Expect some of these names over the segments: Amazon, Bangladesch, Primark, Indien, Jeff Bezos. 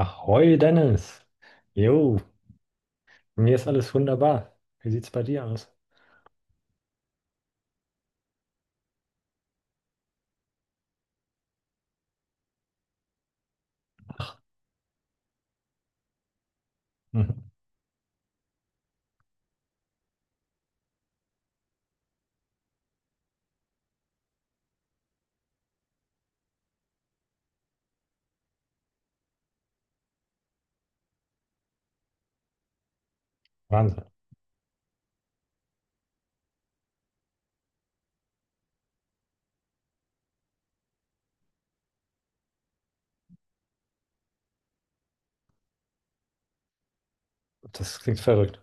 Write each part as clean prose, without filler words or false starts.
Ahoi, Dennis. Jo, mir ist alles wunderbar. Wie sieht's bei dir aus? Mhm. Wahnsinn. Das klingt verrückt.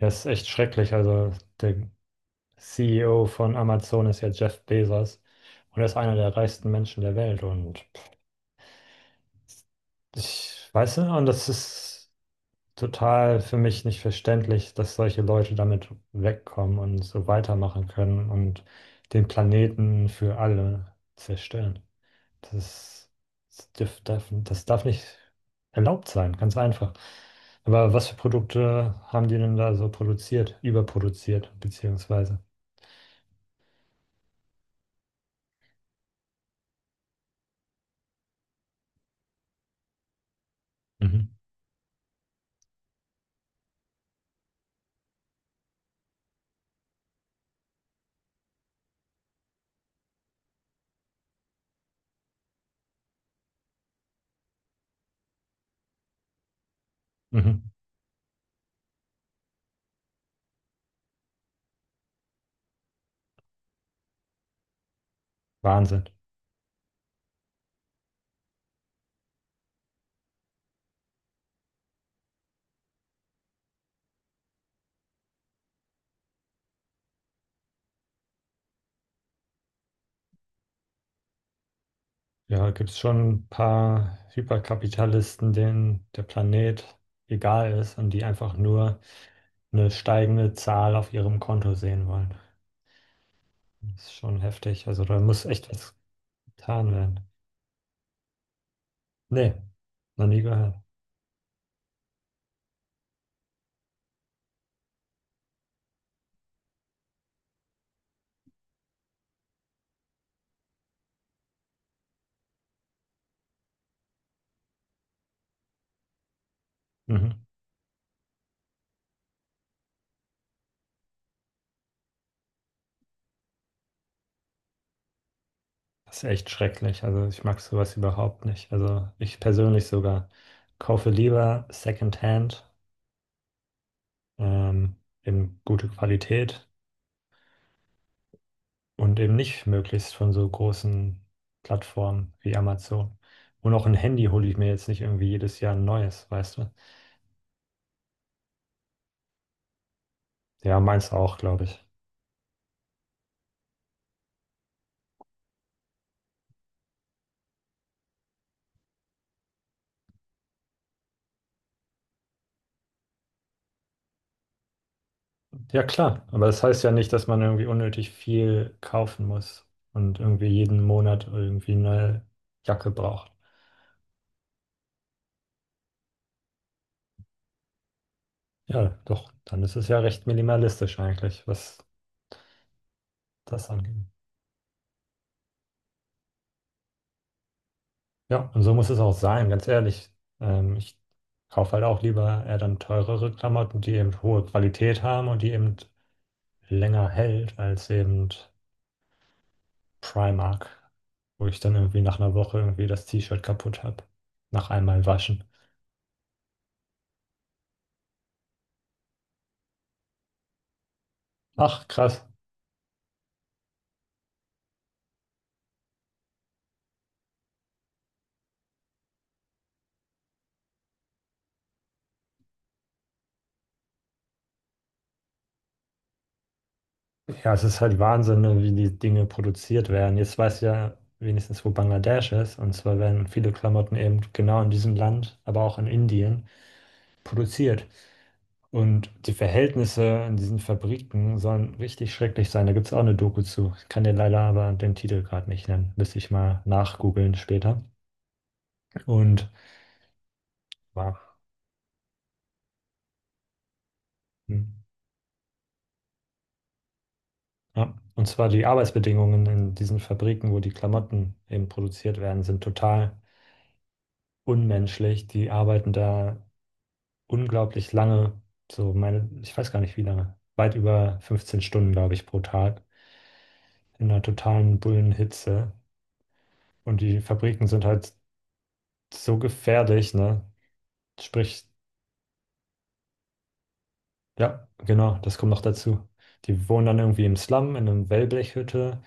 Ja, ist echt schrecklich. Also, der CEO von Amazon ist ja Jeff Bezos und er ist einer der reichsten Menschen der Welt. Und ich weiß nicht, und das ist total für mich nicht verständlich, dass solche Leute damit wegkommen und so weitermachen können und den Planeten für alle zerstören. Das, das darf nicht erlaubt sein, ganz einfach. Aber was für Produkte haben die denn da so produziert, überproduziert, beziehungsweise? Mhm. Mhm. Wahnsinn. Ja, gibt es schon ein paar Hyperkapitalisten, denen der Planet egal ist und die einfach nur eine steigende Zahl auf ihrem Konto sehen wollen. Das ist schon heftig. Also da muss echt was getan werden. Nee, noch nie gehört. Mhm. Das ist echt schrecklich. Also ich mag sowas überhaupt nicht. Also ich persönlich sogar kaufe lieber Secondhand, ähm, eben gute Qualität und eben nicht möglichst von so großen Plattformen wie Amazon. Und auch ein Handy hole ich mir jetzt nicht irgendwie jedes Jahr ein neues, weißt du? Ja, meins auch, glaube ich. Ja, klar. Aber das heißt ja nicht, dass man irgendwie unnötig viel kaufen muss und irgendwie jeden Monat irgendwie eine neue Jacke braucht. Ja, doch, dann ist es ja recht minimalistisch eigentlich, was das angeht. Ja, und so muss es auch sein, ganz ehrlich. Ich kaufe halt auch lieber eher dann teurere Klamotten, die eben hohe Qualität haben und die eben länger hält als eben Primark, wo ich dann irgendwie nach einer Woche irgendwie das T-Shirt kaputt habe. Nach einmal waschen. Ach, krass. Ja, es ist halt Wahnsinn, ne, wie die Dinge produziert werden. Jetzt weiß ich ja wenigstens, wo Bangladesch ist. Und zwar werden viele Klamotten eben genau in diesem Land, aber auch in Indien produziert. Und die Verhältnisse in diesen Fabriken sollen richtig schrecklich sein. Da gibt es auch eine Doku zu. Ich kann dir leider aber den Titel gerade nicht nennen. Müsste ich mal nachgoogeln später. Und, wow. Hm. Ja. Und zwar die Arbeitsbedingungen in diesen Fabriken, wo die Klamotten eben produziert werden, sind total unmenschlich. Die arbeiten da unglaublich lange, so meine, ich weiß gar nicht wie lange, weit über 15 Stunden, glaube ich, pro Tag, in einer totalen Bullenhitze. Und die Fabriken sind halt so gefährlich, ne? Sprich, ja, genau, das kommt noch dazu. Die wohnen dann irgendwie im Slum, in einer Wellblechhütte,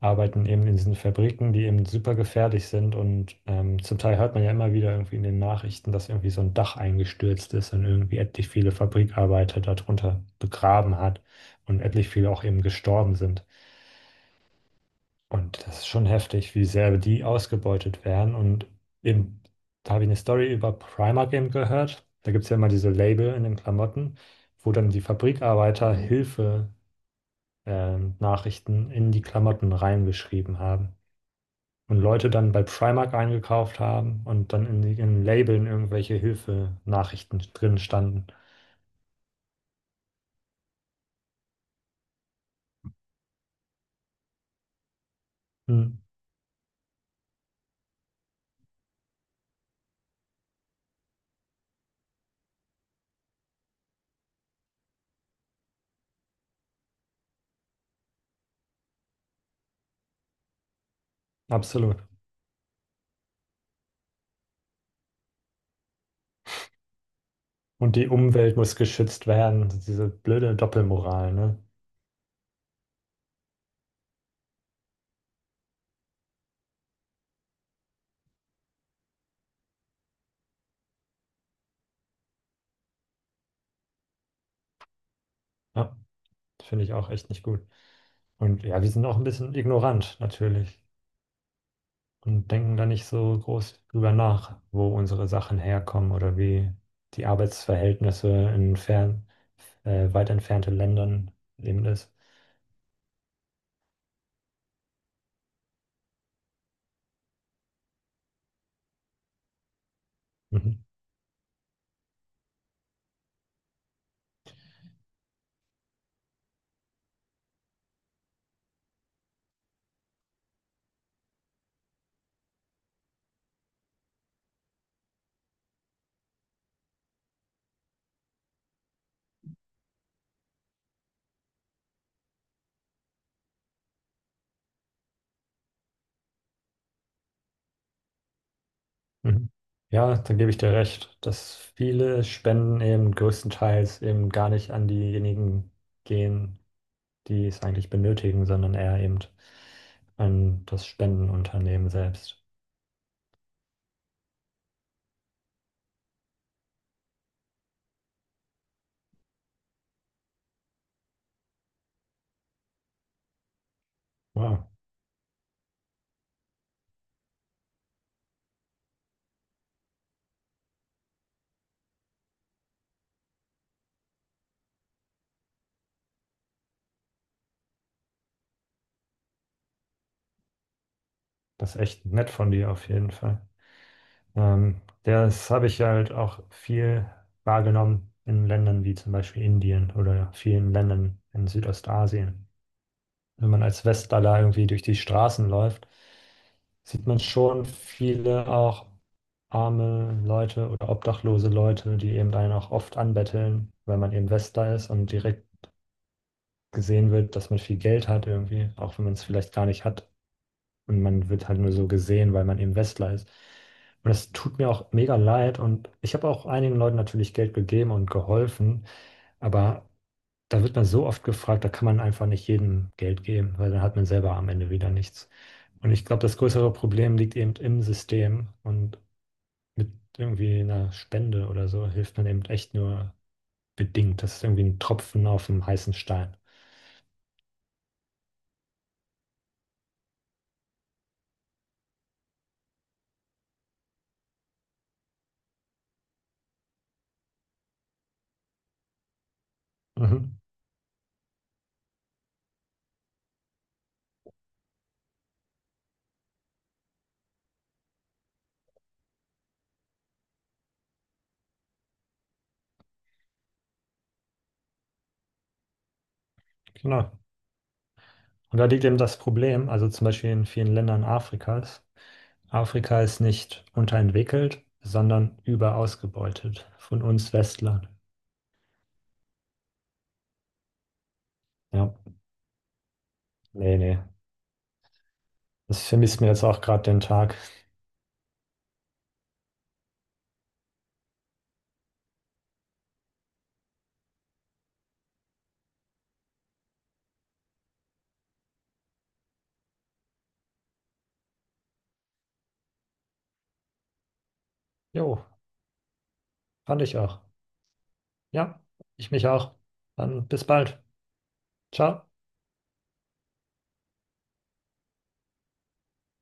arbeiten eben in diesen Fabriken, die eben super gefährlich sind. Und zum Teil hört man ja immer wieder irgendwie in den Nachrichten, dass irgendwie so ein Dach eingestürzt ist und irgendwie etlich viele Fabrikarbeiter darunter begraben hat und etlich viele auch eben gestorben sind. Und das ist schon heftig, wie sehr die ausgebeutet werden. Und eben, da habe ich eine Story über Primark eben gehört. Da gibt es ja immer diese Label in den Klamotten, wo dann die Fabrikarbeiter Hilfe, Nachrichten in die Klamotten reingeschrieben haben. Und Leute dann bei Primark eingekauft haben und dann in den Labeln irgendwelche Hilfe-Nachrichten drin standen. Hm, absolut. Und die Umwelt muss geschützt werden. Diese blöde Doppelmoral, ne? Ja, finde ich auch echt nicht gut. Und ja, wir sind auch ein bisschen ignorant natürlich und denken da nicht so groß drüber nach, wo unsere Sachen herkommen oder wie die Arbeitsverhältnisse in weit entfernten Ländern eben ist. Mhm. Mhm. Ja, da gebe ich dir recht, dass viele Spenden eben größtenteils eben gar nicht an diejenigen gehen, die es eigentlich benötigen, sondern eher eben an das Spendenunternehmen selbst. Wow, das ist echt nett von dir auf jeden Fall. Das habe ich halt auch viel wahrgenommen in Ländern wie zum Beispiel Indien oder vielen Ländern in Südostasien. Wenn man als Westler irgendwie durch die Straßen läuft, sieht man schon viele auch arme Leute oder obdachlose Leute, die eben einen auch oft anbetteln, weil man eben Westler ist und direkt gesehen wird, dass man viel Geld hat irgendwie, auch wenn man es vielleicht gar nicht hat. Und man wird halt nur so gesehen, weil man eben Westler ist. Und das tut mir auch mega leid. Und ich habe auch einigen Leuten natürlich Geld gegeben und geholfen. Aber da wird man so oft gefragt, da kann man einfach nicht jedem Geld geben, weil dann hat man selber am Ende wieder nichts. Und ich glaube, das größere Problem liegt eben im System. Und mit irgendwie einer Spende oder so hilft man eben echt nur bedingt. Das ist irgendwie ein Tropfen auf dem heißen Stein. Mhm, genau. Und da liegt eben das Problem, also zum Beispiel in vielen Ländern Afrikas, Afrika ist nicht unterentwickelt, sondern überausgebeutet von uns Westlern. Ja, nee, nee. Das vermisst mir jetzt auch gerade den Tag. Jo, fand ich auch. Ja, ich mich auch. Dann bis bald. Ciao.